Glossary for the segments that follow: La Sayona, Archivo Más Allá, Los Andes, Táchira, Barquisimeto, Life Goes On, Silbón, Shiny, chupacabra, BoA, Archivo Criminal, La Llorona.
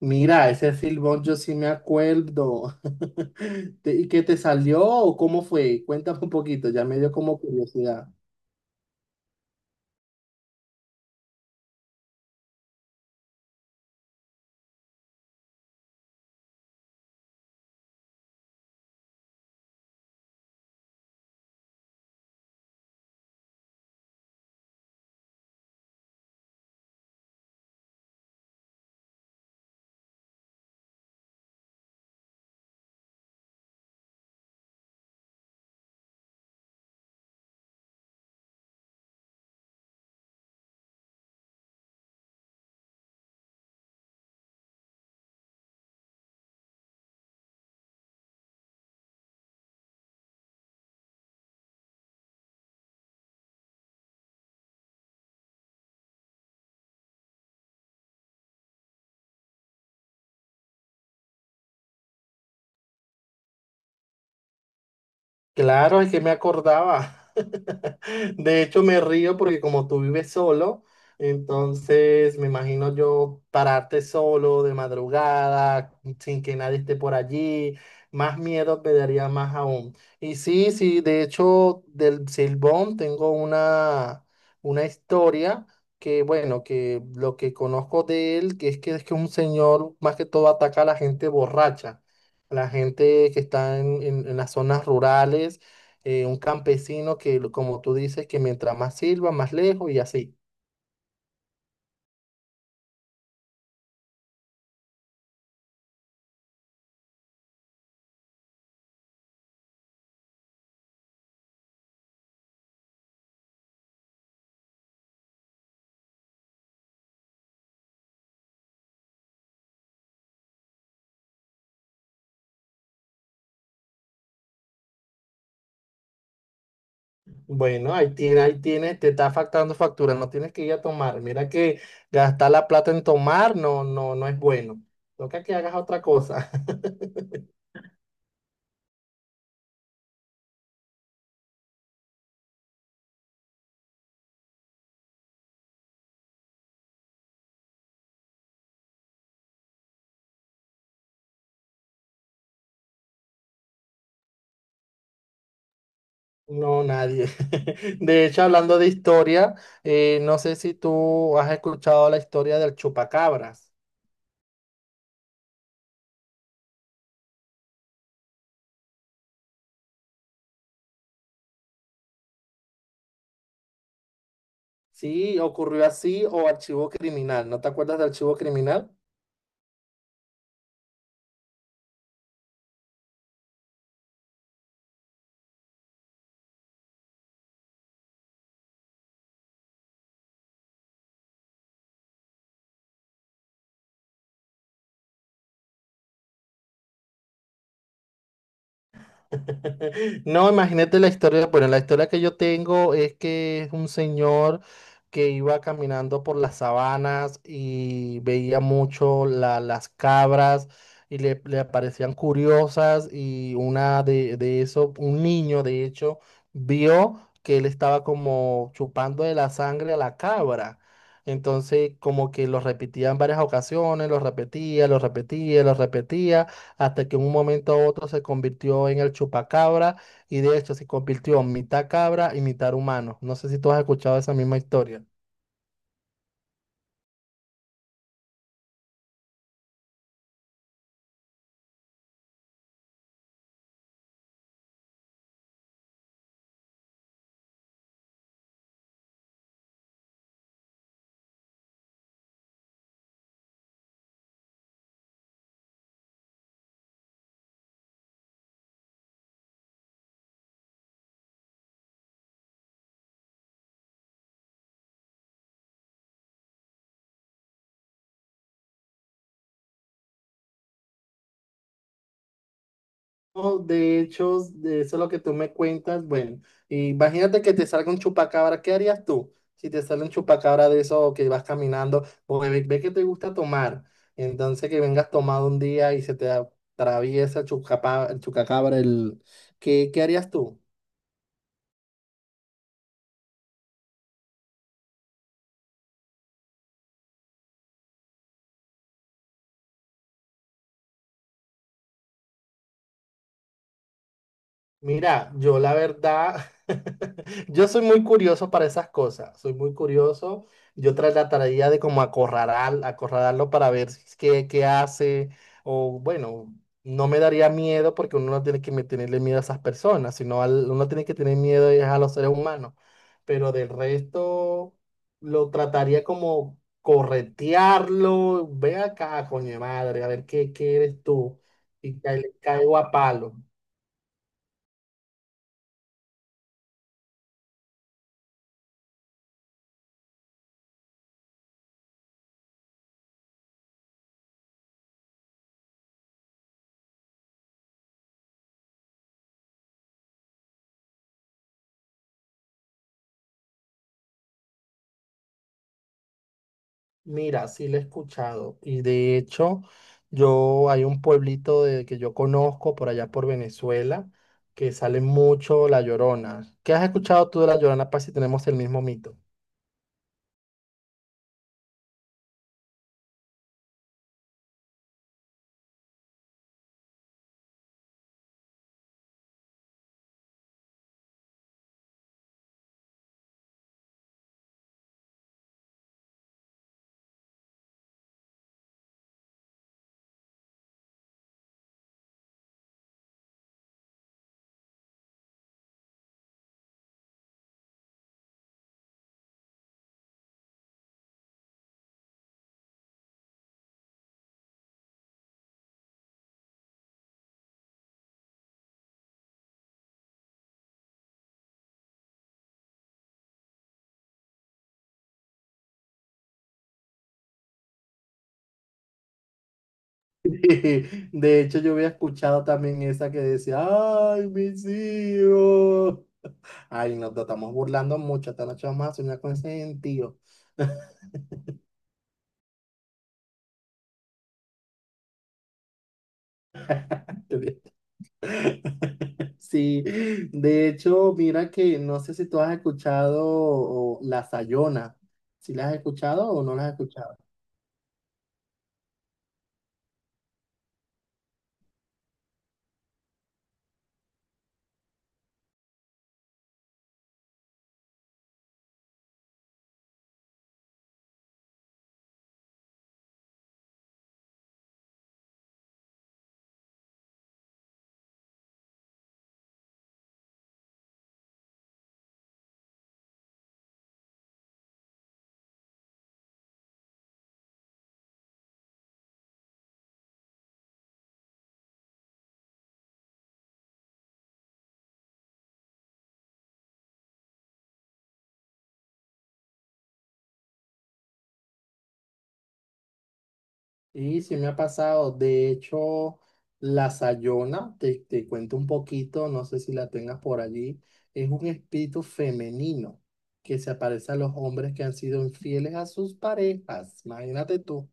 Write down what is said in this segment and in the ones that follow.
Mira, ese silbón yo sí me acuerdo. ¿Y qué te salió o cómo fue? Cuéntame un poquito, ya me dio como curiosidad. Claro, es que me acordaba. De hecho, me río porque como tú vives solo, entonces me imagino yo pararte solo de madrugada, sin que nadie esté por allí, más miedo me daría más aún. Y sí, sí, de hecho, del Silbón tengo una historia que, bueno, que lo que conozco de él, que es que es que un señor más que todo ataca a la gente borracha, la gente que está en las zonas rurales, un campesino que, como tú dices, que mientras más silba, más lejos y así. Bueno, ahí tiene, te está faltando factura, no tienes que ir a tomar. Mira que gastar la plata en tomar no, no, no es bueno. Toca que hagas otra cosa. No, nadie. De hecho, hablando de historia, no sé si tú has escuchado la historia del chupacabras. Sí, ocurrió así o archivo criminal. ¿No te acuerdas de archivo criminal? No, imagínate la historia. Bueno, la historia que yo tengo es que es un señor que iba caminando por las sabanas y veía mucho las cabras y le parecían curiosas y una de eso, un niño de hecho, vio que él estaba como chupando de la sangre a la cabra. Entonces, como que lo repetía en varias ocasiones, lo repetía, lo repetía, lo repetía hasta que en un momento a otro se convirtió en el chupacabra y de hecho se convirtió en mitad cabra y mitad humano. No sé si tú has escuchado esa misma historia. No, de hecho, de eso es lo que tú me cuentas. Bueno, imagínate que te salga un chupacabra, ¿qué harías tú? Si te sale un chupacabra de eso que vas caminando, porque ve, ve que te gusta tomar, entonces que vengas tomado un día y se te atraviesa el el chupacabra, el... ¿Qué, qué harías tú? Mira, yo la verdad, yo soy muy curioso para esas cosas, soy muy curioso. Yo tras la tarea de como acorralar, acorralarlo para ver si es que- qué hace, o bueno, no me daría miedo porque uno no tiene que tenerle miedo a esas personas, uno tiene que tener miedo es a los seres humanos. Pero del resto, lo trataría como corretearlo, ve acá, coño de madre, a ver qué, qué eres tú, y le caigo a palo. Mira, sí lo he escuchado. Y de hecho, yo hay un pueblito que yo conozco por allá por Venezuela que sale mucho La Llorona. ¿Qué has escuchado tú de La Llorona para si tenemos el mismo mito? De hecho, yo había escuchado también esa que decía, ay, mis hijos. Ay, nos estamos burlando mucho, esta noche vamos a soñar con ese gentío. Sí, de hecho, mira que no sé si tú has escuchado o La Sayona, si la has escuchado o no la has escuchado. Y sí me ha pasado, de hecho, La Sayona, te cuento un poquito, no sé si la tengas por allí, es un espíritu femenino que se aparece a los hombres que han sido infieles a sus parejas. Imagínate tú,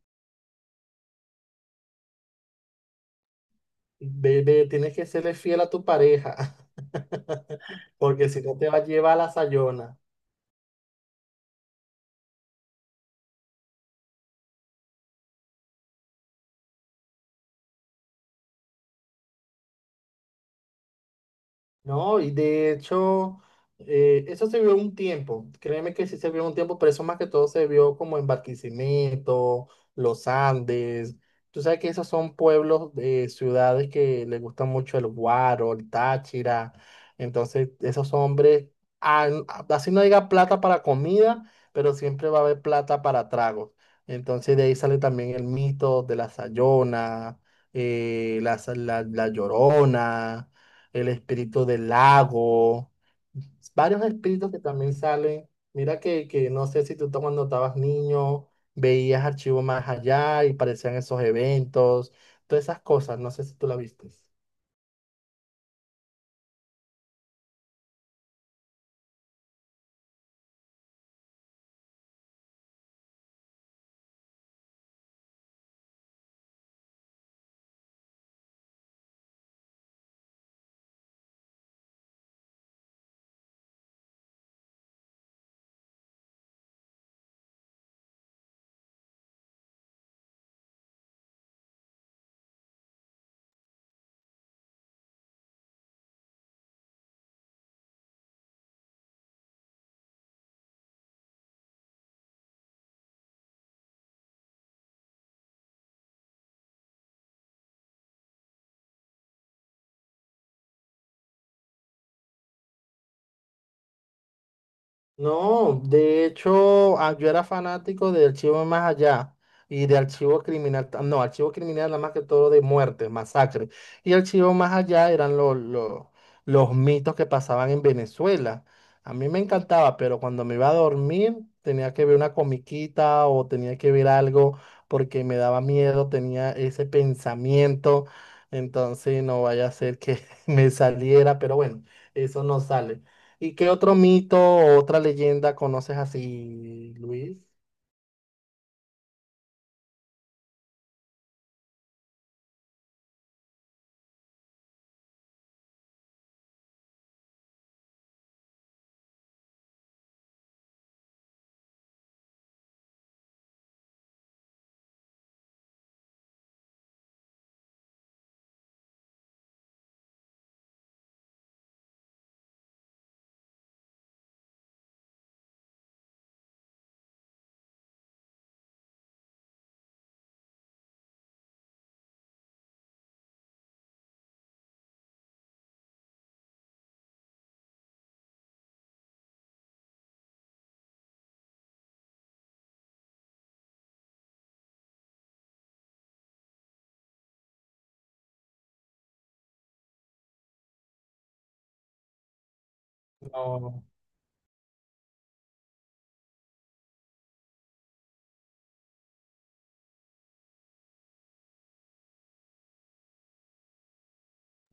bebé, tienes que serle fiel a tu pareja, porque si no te va a llevar a La Sayona. No, y de hecho, eso se vio un tiempo, créeme que sí se vio un tiempo, pero eso más que todo se vio como en Barquisimeto, Los Andes. Tú sabes que esos son pueblos de ciudades que les gusta mucho el guaro, el Táchira. Entonces, esos hombres, así no diga plata para comida, pero siempre va a haber plata para tragos. Entonces, de ahí sale también el mito de la Sayona, la Llorona, el espíritu del lago, varios espíritus que también salen. Mira que no sé si tú cuando estabas niño veías archivos más allá y parecían esos eventos, todas esas cosas, no sé si tú la viste. No, de hecho, ah, yo era fanático de Archivo Más Allá y de Archivo Criminal. No, Archivo Criminal era más que todo de muerte, masacre. Y Archivo Más Allá eran los mitos que pasaban en Venezuela. A mí me encantaba, pero cuando me iba a dormir tenía que ver una comiquita o tenía que ver algo porque me daba miedo, tenía ese pensamiento. Entonces no vaya a ser que me saliera, pero bueno, eso no sale. ¿Y qué otro mito o otra leyenda conoces así, Luis? No,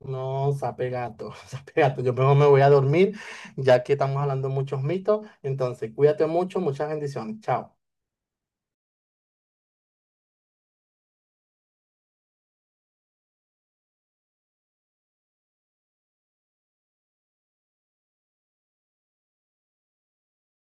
no, sape gato, sape gato. Yo mejor me voy a dormir, ya que estamos hablando de muchos mitos. Entonces, cuídate mucho, muchas bendiciones. Chao.